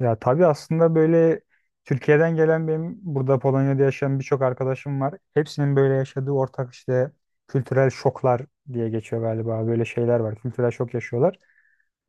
Ya tabii aslında böyle Türkiye'den gelen benim burada Polonya'da yaşayan birçok arkadaşım var. Hepsinin böyle yaşadığı ortak işte kültürel şoklar diye geçiyor galiba. Böyle şeyler var. Kültürel şok yaşıyorlar.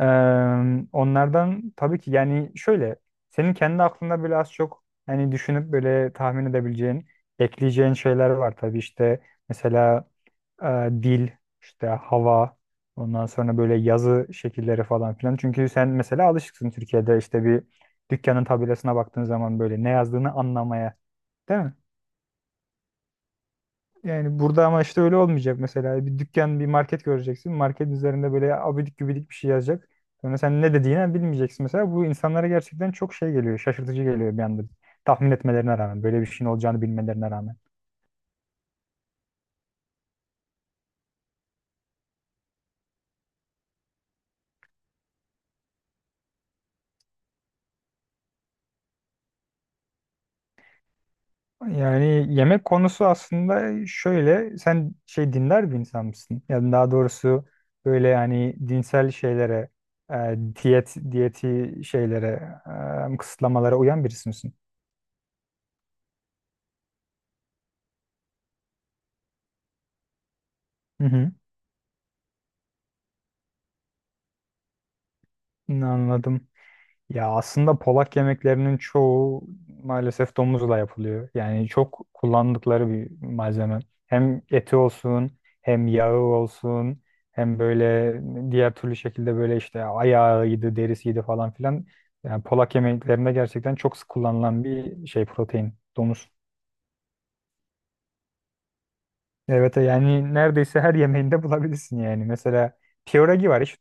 Ee, Onlardan tabii ki yani şöyle senin kendi aklında böyle az çok yani düşünüp böyle tahmin edebileceğin, ekleyeceğin şeyler var tabii işte mesela e, dil, işte hava, ondan sonra böyle yazı şekilleri falan filan. Çünkü sen mesela alışıksın Türkiye'de işte bir dükkanın tabelasına baktığın zaman böyle ne yazdığını anlamaya, değil mi? Yani burada ama işte öyle olmayacak mesela. Bir dükkan, bir market göreceksin. Market üzerinde böyle abidik gübidik bir şey yazacak. Sonra sen ne dediğini bilmeyeceksin mesela. Bu insanlara gerçekten çok şey geliyor, şaşırtıcı geliyor bir anda. Tahmin etmelerine rağmen, böyle bir şeyin olacağını bilmelerine rağmen. Yani yemek konusu aslında şöyle sen şey dinler bir insan mısın? Yani daha doğrusu böyle yani dinsel şeylere, e, diyet diyeti şeylere, kısıtlamalara uyan birisi misin? Hı hı. Anladım. Ya aslında Polak yemeklerinin çoğu maalesef domuzla yapılıyor. Yani çok kullandıkları bir malzeme. Hem eti olsun, hem yağı olsun, hem böyle diğer türlü şekilde böyle işte ayağıydı, derisiydi falan filan. Yani Polak yemeklerinde gerçekten çok sık kullanılan bir şey protein, domuz. Evet yani neredeyse her yemeğinde bulabilirsin yani. Mesela pierogi var hiç,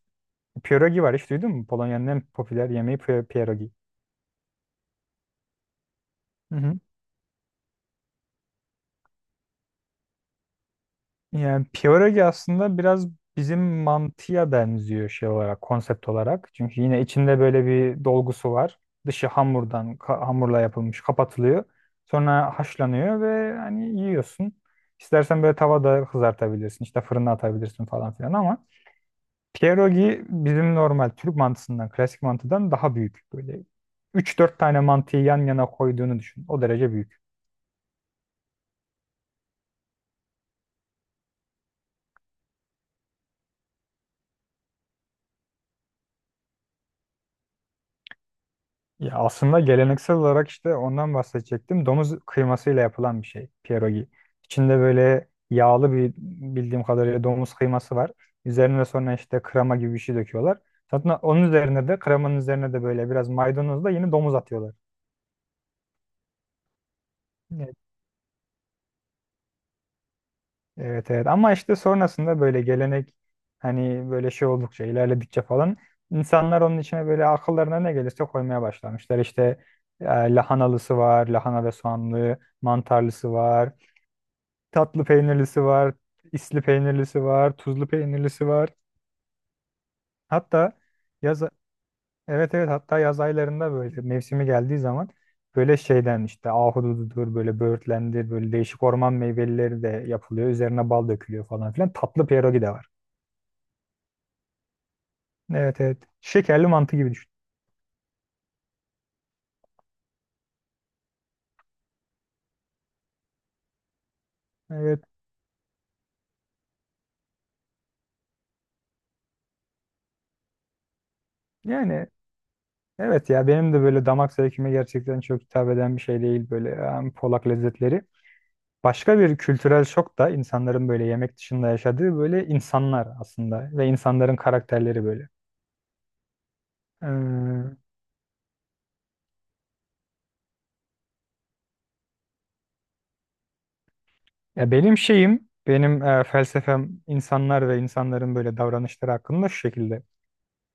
pierogi var hiç duydun mu? Polonya'nın en popüler yemeği pierogi. Yani Piyorogi aslında biraz bizim mantıya benziyor şey olarak, konsept olarak. Çünkü yine içinde böyle bir dolgusu var. Dışı hamurdan, hamurla yapılmış, kapatılıyor. Sonra haşlanıyor ve hani yiyorsun. İstersen böyle tavada kızartabilirsin, işte fırına atabilirsin falan filan ama pierogi bizim normal Türk mantısından, klasik mantıdan daha büyük. Böyle üç dört tane mantıyı yan yana koyduğunu düşün. O derece büyük. Ya aslında geleneksel olarak işte ondan bahsedecektim. Domuz kıymasıyla yapılan bir şey pierogi. İçinde böyle yağlı bir bildiğim kadarıyla domuz kıyması var. Üzerine sonra işte krema gibi bir şey döküyorlar. Zaten onun üzerine de kremanın üzerine de böyle biraz maydanozla yine domuz atıyorlar. Evet, evet, evet, ama işte sonrasında böyle gelenek hani böyle şey oldukça ilerledikçe falan insanlar onun içine böyle akıllarına ne gelirse koymaya başlamışlar. İşte lahanalısı var, lahana ve soğanlı, mantarlısı var. Tatlı peynirlisi var, isli peynirlisi var, tuzlu peynirlisi var. Hatta yaz evet, evet, hatta yaz aylarında böyle mevsimi geldiği zaman böyle şeyden işte ahudududur böyle böğürtlendir böyle değişik orman meyveleri de yapılıyor. Üzerine bal dökülüyor falan filan. Tatlı pierogi de var. Evet, evet. Şekerli mantı gibi düşün. Evet. Yani evet ya benim de böyle damak zevkime gerçekten çok hitap eden bir şey değil böyle yani Polak lezzetleri. Başka bir kültürel şok da insanların böyle yemek dışında yaşadığı böyle insanlar aslında ve insanların karakterleri böyle. Ee, Ya benim şeyim, benim felsefem insanlar ve insanların böyle davranışları hakkında şu şekilde.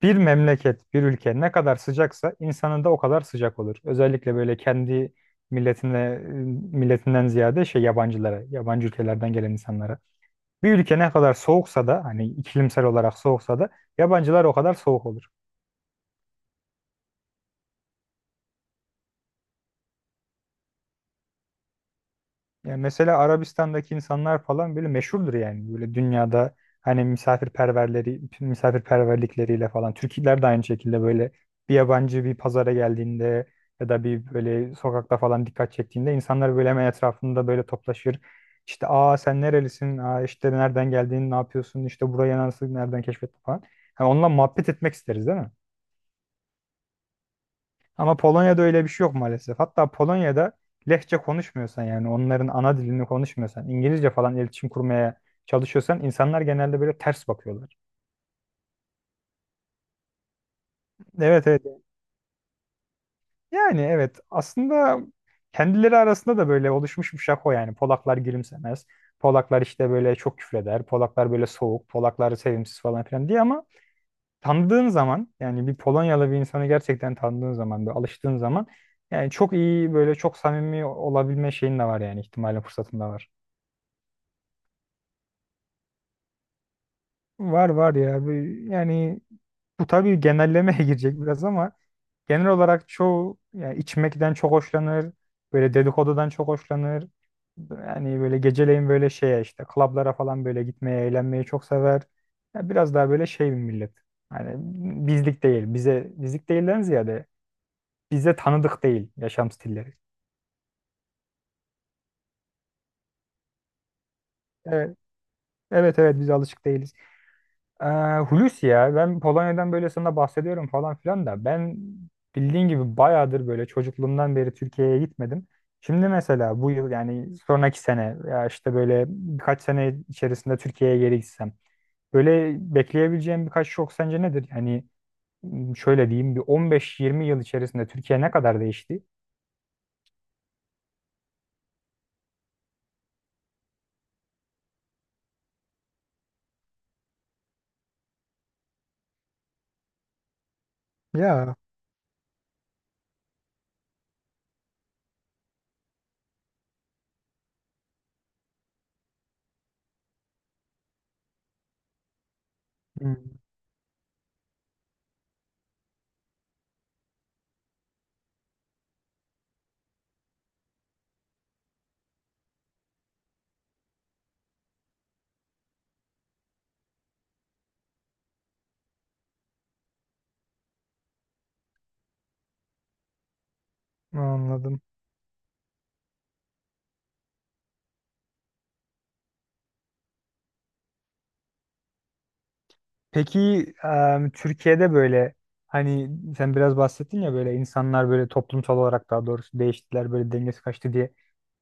Bir memleket, bir ülke ne kadar sıcaksa insanı da o kadar sıcak olur. Özellikle böyle kendi milletine, milletinden ziyade şey yabancılara, yabancı ülkelerden gelen insanlara. Bir ülke ne kadar soğuksa da hani iklimsel olarak soğuksa da yabancılar o kadar soğuk olur. Yani mesela Arabistan'daki insanlar falan böyle meşhurdur yani. Böyle dünyada hani misafirperverleri, misafirperverlikleriyle falan. Türkler de aynı şekilde böyle bir yabancı bir pazara geldiğinde ya da bir böyle sokakta falan dikkat çektiğinde insanlar böyle hemen etrafında böyle toplaşır. İşte aa sen nerelisin? Aa işte nereden geldiğini ne yapıyorsun? İşte burayı nasıl nereden keşfettin falan. Hani onunla muhabbet etmek isteriz değil mi? Ama Polonya'da öyle bir şey yok maalesef. Hatta Polonya'da lehçe konuşmuyorsan yani onların ana dilini konuşmuyorsan, İngilizce falan iletişim kurmaya çalışıyorsan insanlar genelde böyle ters bakıyorlar. Evet, evet. Yani evet aslında kendileri arasında da böyle oluşmuş bir şaka o yani. Polaklar gülümsemez. Polaklar işte böyle çok küfreder. Polaklar böyle soğuk. Polaklar sevimsiz falan filan diye ama tanıdığın zaman yani bir Polonyalı bir insanı gerçekten tanıdığın zaman böyle alıştığın zaman yani çok iyi böyle çok samimi olabilme şeyin de var yani ihtimalin fırsatın da var. Var, var ya. Yani bu tabii genellemeye girecek biraz ama genel olarak çoğu yani içmekten çok hoşlanır. Böyle dedikodudan çok hoşlanır. Yani böyle geceleyin böyle şeye işte klablara falan böyle gitmeye eğlenmeyi çok sever. Ya biraz daha böyle şey bir millet. Hani bizlik değil. Bize bizlik değilden ziyade bize tanıdık değil yaşam stilleri. Evet, evet, evet, biz alışık değiliz. Ee, Hulusi ya ben Polonya'dan böyle sana bahsediyorum falan filan da ben bildiğin gibi bayağıdır böyle çocukluğumdan beri Türkiye'ye gitmedim. Şimdi mesela bu yıl yani sonraki sene ya işte böyle birkaç sene içerisinde Türkiye'ye geri gitsem böyle bekleyebileceğim birkaç şok sence nedir? Yani şöyle diyeyim bir 15-20 yıl içerisinde Türkiye ne kadar değişti? Ya. Hmm, anladım. Peki Türkiye'de böyle hani sen biraz bahsettin ya böyle insanlar böyle toplumsal olarak daha doğrusu değiştiler böyle dengesi kaçtı diye.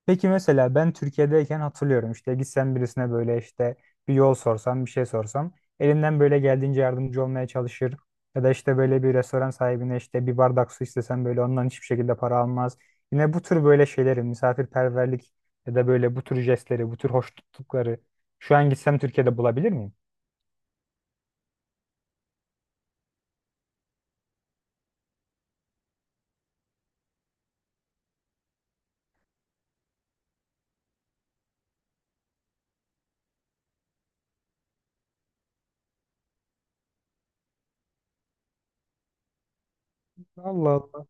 Peki mesela ben Türkiye'deyken hatırlıyorum işte gitsem birisine böyle işte bir yol sorsam bir şey sorsam elimden böyle geldiğince yardımcı olmaya çalışır. Ya da işte böyle bir restoran sahibine işte bir bardak su istesem böyle ondan hiçbir şekilde para almaz. Yine bu tür böyle şeyleri misafirperverlik ya da böyle bu tür jestleri bu tür hoş tuttukları şu an gitsem Türkiye'de bulabilir miyim? Allah Allah.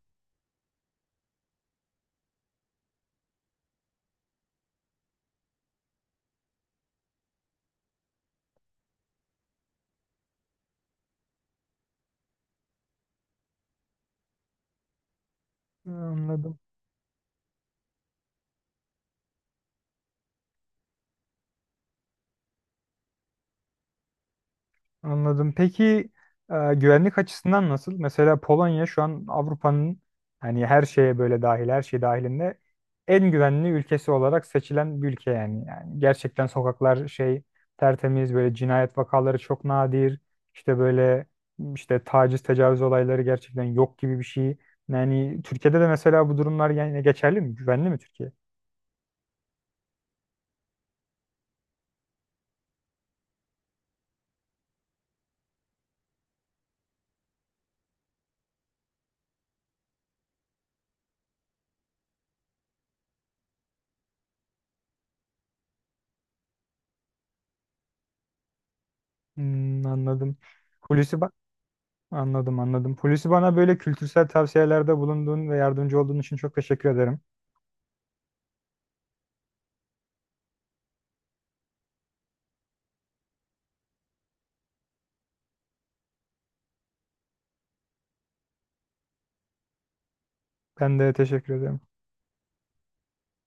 Anladım. Anladım. Peki güvenlik açısından nasıl? Mesela Polonya şu an Avrupa'nın hani her şeye böyle dahil, her şey dahilinde en güvenli ülkesi olarak seçilen bir ülke yani. Yani gerçekten sokaklar şey tertemiz böyle cinayet vakaları çok nadir. İşte böyle işte taciz, tecavüz olayları gerçekten yok gibi bir şey. Yani Türkiye'de de mesela bu durumlar yani geçerli mi? Güvenli mi Türkiye? Hmm, anladım. Hulusi, anladım, anladım. Polisi bana böyle kültürel tavsiyelerde bulunduğun ve yardımcı olduğun için çok teşekkür ederim. Ben de teşekkür ederim.